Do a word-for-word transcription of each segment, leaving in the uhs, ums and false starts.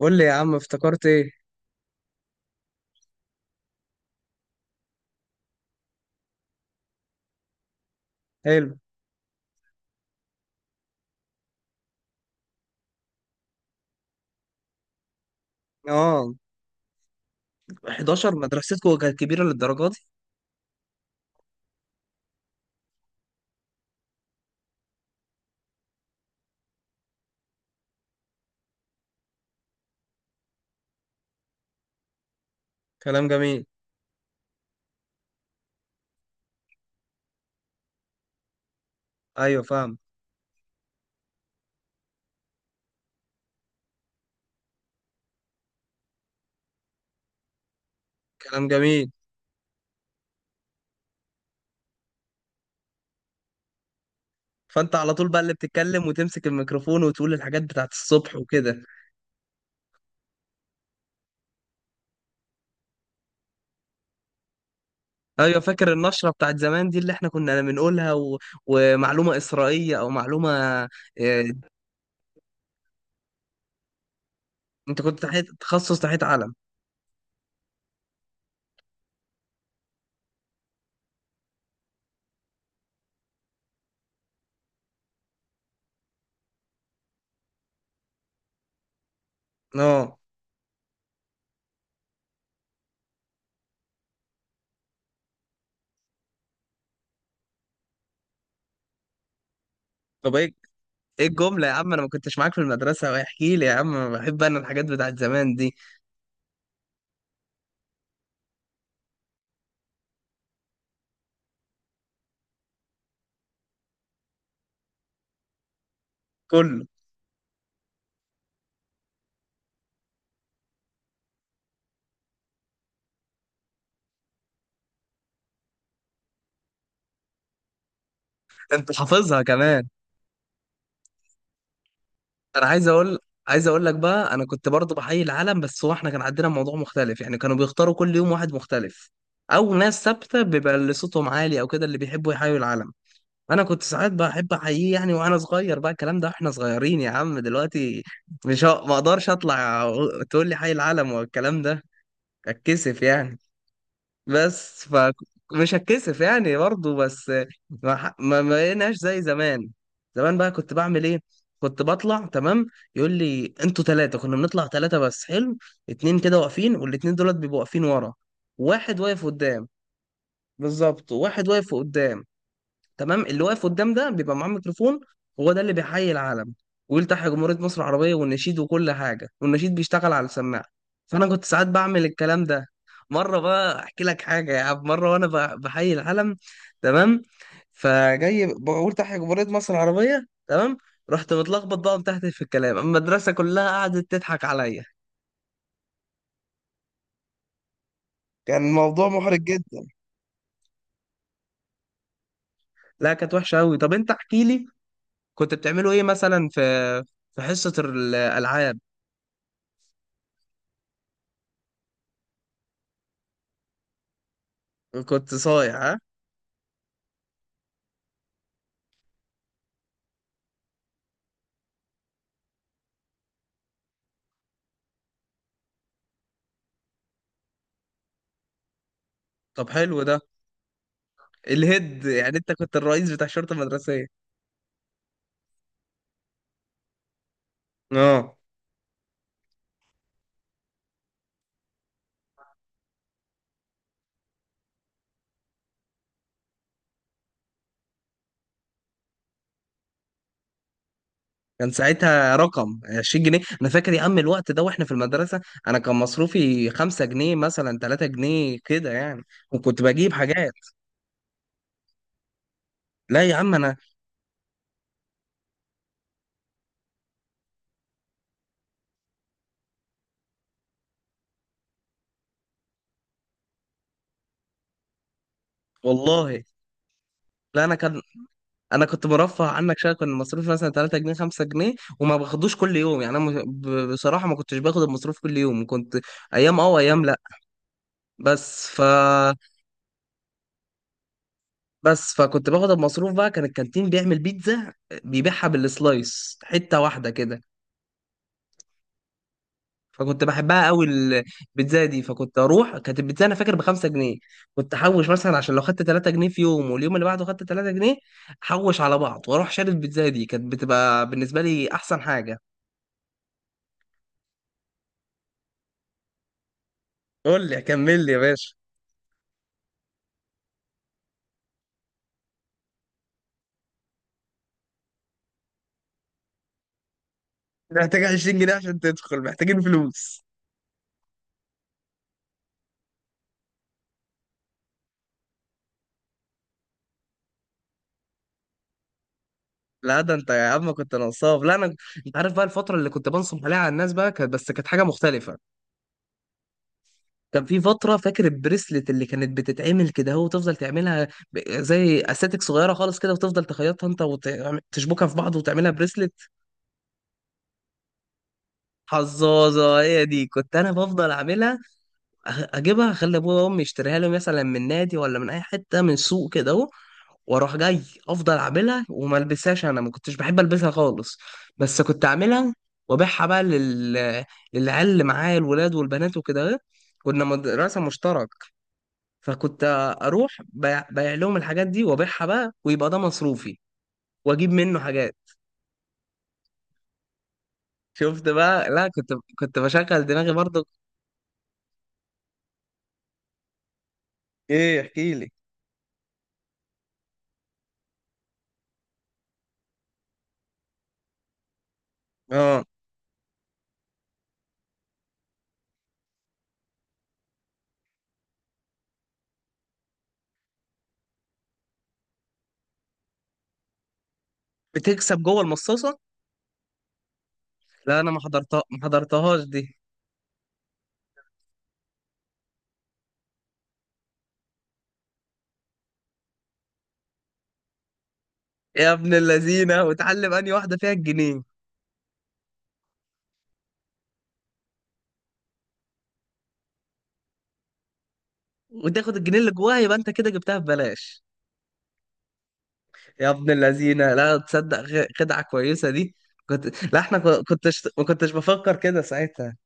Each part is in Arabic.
قول لي يا عم افتكرت ايه؟ حلو. اه. احداشر مدرستكم كانت كبيرة للدرجة دي؟ كلام جميل. ايوه فاهم. كلام جميل. فانت على طول بقى اللي بتتكلم وتمسك الميكروفون وتقول الحاجات بتاعت الصبح وكده؟ ايوه فاكر النشرة بتاعت زمان دي اللي احنا كنا بنقولها و... ومعلومة إسرائيلية او معلومة. إيه... انت كنت تحت تخصص تحت علم. اه. طب ايه؟ ايه الجملة يا عم؟ انا ما كنتش معاك في المدرسة، واحكي لي يا عم، بحب انا الحاجات بتاعت زمان دي. كله؟ انت حافظها كمان؟ انا عايز اقول عايز اقول لك بقى، انا كنت برضه بحيي العالم، بس هو احنا كان عندنا موضوع مختلف يعني. كانوا بيختاروا كل يوم واحد مختلف، او ناس ثابته بيبقى اللي صوتهم عالي او كده اللي بيحبوا يحيوا العالم. انا كنت ساعات بحب احييه يعني، وانا صغير بقى الكلام ده، احنا صغيرين يا عم دلوقتي. مش ه- ما اقدرش اطلع أقول- تقول لي حي العالم والكلام ده، اتكسف يعني. بس فمش هتكسف يعني برضه بس. ما ح- ما ما بقيناش زي زمان. زمان بقى كنت بعمل ايه؟ كنت بطلع تمام، يقول لي انتوا ثلاثة، كنا بنطلع ثلاثة بس. حلو. اتنين كده واقفين والاتنين دولت بيبقوا واقفين ورا، واحد واقف قدام. بالظبط، واحد واقف قدام. تمام، اللي واقف قدام ده بيبقى معاه ميكروفون، هو ده اللي بيحيي العلم. ويلتحي جمهورية مصر العربية والنشيد وكل حاجة، والنشيد بيشتغل على السماعة. فأنا كنت ساعات بعمل الكلام ده. مرة بقى أحكي لك حاجة يا عم، مرة وأنا ب- بحيي العلم تمام، فجاي بقول تحيا جمهورية مصر العربية. تمام. رحت متلخبط بقى وتحت في الكلام المدرسة كلها قعدت تضحك عليا. كان الموضوع محرج جدا. لا كانت وحشة أوي. طب أنت احكي لي، كنت بتعملوا إيه مثلا في في حصة الألعاب؟ كنت صايع ها؟ طب حلو ده. الهيد يعني انت كنت الرئيس بتاع الشرطه المدرسيه. اه. كان ساعتها رقم عشرين جنيه، انا فاكر يا عم الوقت ده واحنا في المدرسه. انا كان مصروفي خمسة جنيه مثلا، ثلاثة جنيه كده يعني. وكنت بجيب حاجات. لا يا عم انا. والله، لا انا كان، انا كنت مرفه عنك شويه، كان مصروفي مثلا ثلاثة جنيه، خمسة جنيه. وما باخدوش كل يوم يعني، انا م- ب- بصراحه ما كنتش باخد المصروف كل يوم، كنت ايام اه وايام لا. بس ف. بس فكنت باخد المصروف بقى. كان الكانتين بيعمل بيتزا، بيبيعها بالسلايس حتة واحدة كده. فكنت بحبها قوي البيتزا دي. فكنت اروح، كانت البيتزا انا فاكر بخمسة جنيه. كنت احوش مثلا عشان لو خدت تلاتة جنيه في يوم واليوم اللي بعده خدت تلاتة جنيه، احوش على بعض واروح شاري البيتزا دي، كانت بتبقى بالنسبة لي احسن حاجة. قول لي كمل لي يا باشا. محتاج عشرين جنيه عشان تدخل، محتاجين فلوس؟ لا ده انت يا عم كنت نصاب، لا انا. انت عارف بقى الفترة اللي كنت بنصب عليها على الناس بقى كانت، بس كانت حاجة مختلفة. كان في فترة، فاكر البريسلت اللي كانت بتتعمل كده، هو تفضل تعملها ب- زي استاتيك صغيرة خالص كده، وتفضل تخيطها انت وتشبكها في بعض وتعملها بريسلت. حظاظة، هي دي كنت انا بفضل اعملها. أ- اجيبها، اخلي ابويا وامي يشتريها لي مثلا من نادي ولا من اي حتة من سوق كده اهو. واروح جاي افضل اعملها وما البسهاش، انا ما كنتش بحب البسها خالص، بس كنت اعملها وابيعها بقى لل... للعيال اللي معايا، الولاد والبنات وكده. كنا مدرسة مشتركة. فكنت اروح بيع بيع لهم الحاجات دي وابيعها بقى، ويبقى ده مصروفي واجيب منه حاجات. شفت بقى؟ لا كنت، كنت بشغل دماغي برضو. ايه؟ احكي لي. اه. بتكسب جوه المصاصه؟ لا انا ما حضرتها، ما حضرتهاش دي. يا ابن اللذينه، وتعلم اني واحده فيها الجنيه. وتاخد الجنيه اللي جواها، يبقى انت كده جبتها ببلاش. يا ابن اللذينه، لا تصدق. خ- خدعه كويسه دي. كنت، لا احنا كو- كنتش ما كنتش بفكر كده ساعتها.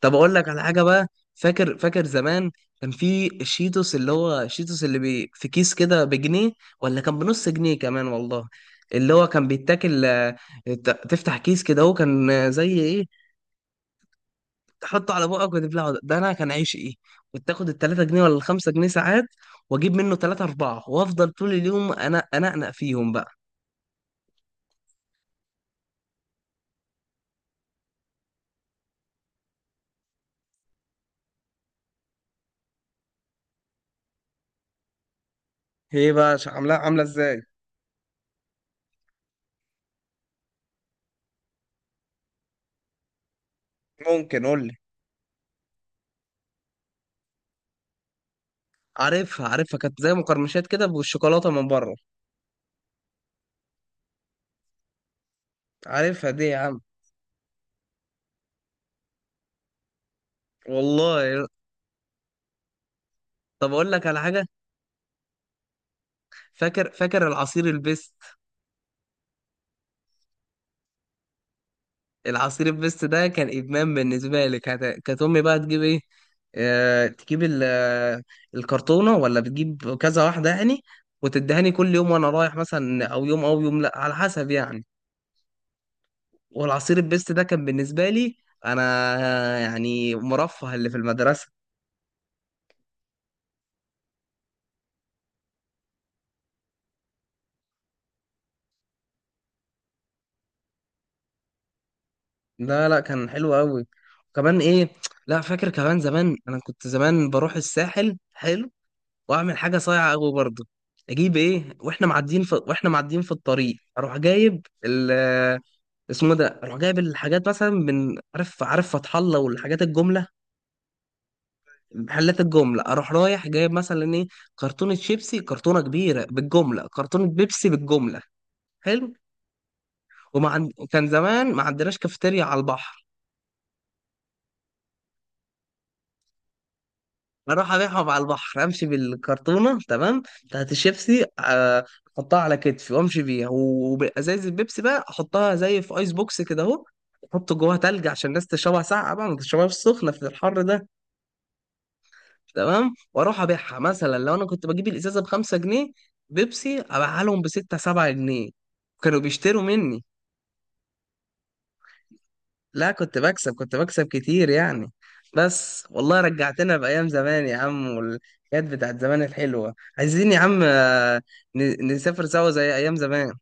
طب اقول لك على حاجه بقى. فاكر فاكر زمان، كان في الشيتوس، اللي هو الشيتوس اللي بي في كيس كده بجنيه، ولا كان بنص جنيه كمان والله. اللي هو كان بيتاكل، آه، ت- تفتح كيس كده، هو كان آه، زي ايه. تحطه على بقك وتبلعه ده ده، انا كان عيش ايه. كنت اخد التلاتة جنيه ولا الخمسة جنيه ساعات، واجيب منه تلاتة اربعة وافضل طول اليوم انا انقنق فيهم بقى. ايه بقى ش- عاملاها، عامله ازاي؟ ممكن قول لي. عارفها عارفها، كانت زي مقرمشات كده بالشوكولاته من بره. عارفها دي يا عم. والله. طب اقول لك على حاجه. فاكر فاكر العصير البيست. العصير البيست ده كان ادمان بالنسبه لي. كانت كانت امي بقى تجيب ايه، آه، تجيب ال- آه، الكرتونه، ولا بتجيب كذا واحده يعني، وتدهني كل يوم وانا رايح مثلا، او يوم او يوم لا على حسب يعني. والعصير البيست ده كان بالنسبه لي انا يعني مرفه اللي في المدرسه. لا لا كان حلو قوي. وكمان ايه؟ لا فاكر كمان زمان انا كنت زمان بروح الساحل. حلو. واعمل حاجه صايعه قوي برضه، اجيب ايه. واحنا معديين في واحنا معديين في الطريق، اروح جايب ال، اسمه ده، اروح جايب الحاجات مثلا من، عارف عارف فتح الله والحاجات الجمله، محلات الجمله، اروح رايح جايب مثلا ايه، كرتونه شيبسي، كرتونه كبيره بالجمله، كرتونه بيبسي بالجمله. حلو. وما عند... كان زمان ما عندناش كافيتيريا على البحر. اروح ابيعهم على البحر، امشي بالكرتونه تمام بتاعت الشيبسي، آه، احطها على كتفي وامشي بيها. وازايز البيبسي بقى احطها زي في ايس بوكس كده اهو، احط جواها تلج عشان الناس تشربها ساقعه بقى، ما تشربهاش سخنه في الحر ده. تمام. واروح ابيعها، مثلا لو انا كنت بجيب الازازه ب خمسة جنيه بيبسي، ابيعها لهم ب ستة سبعة جنيه، كانوا بيشتروا مني. لا كنت بكسب كنت بكسب كتير يعني. بس والله رجعتنا بأيام زمان يا عم، والحاجات بتاعت زمان الحلوة عايزين يا عم، آه، ن- نسافر سوا زي أيام زمان.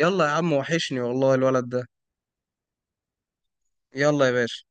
يلا يا عم، وحشني والله الولد ده. يلا يا باشا.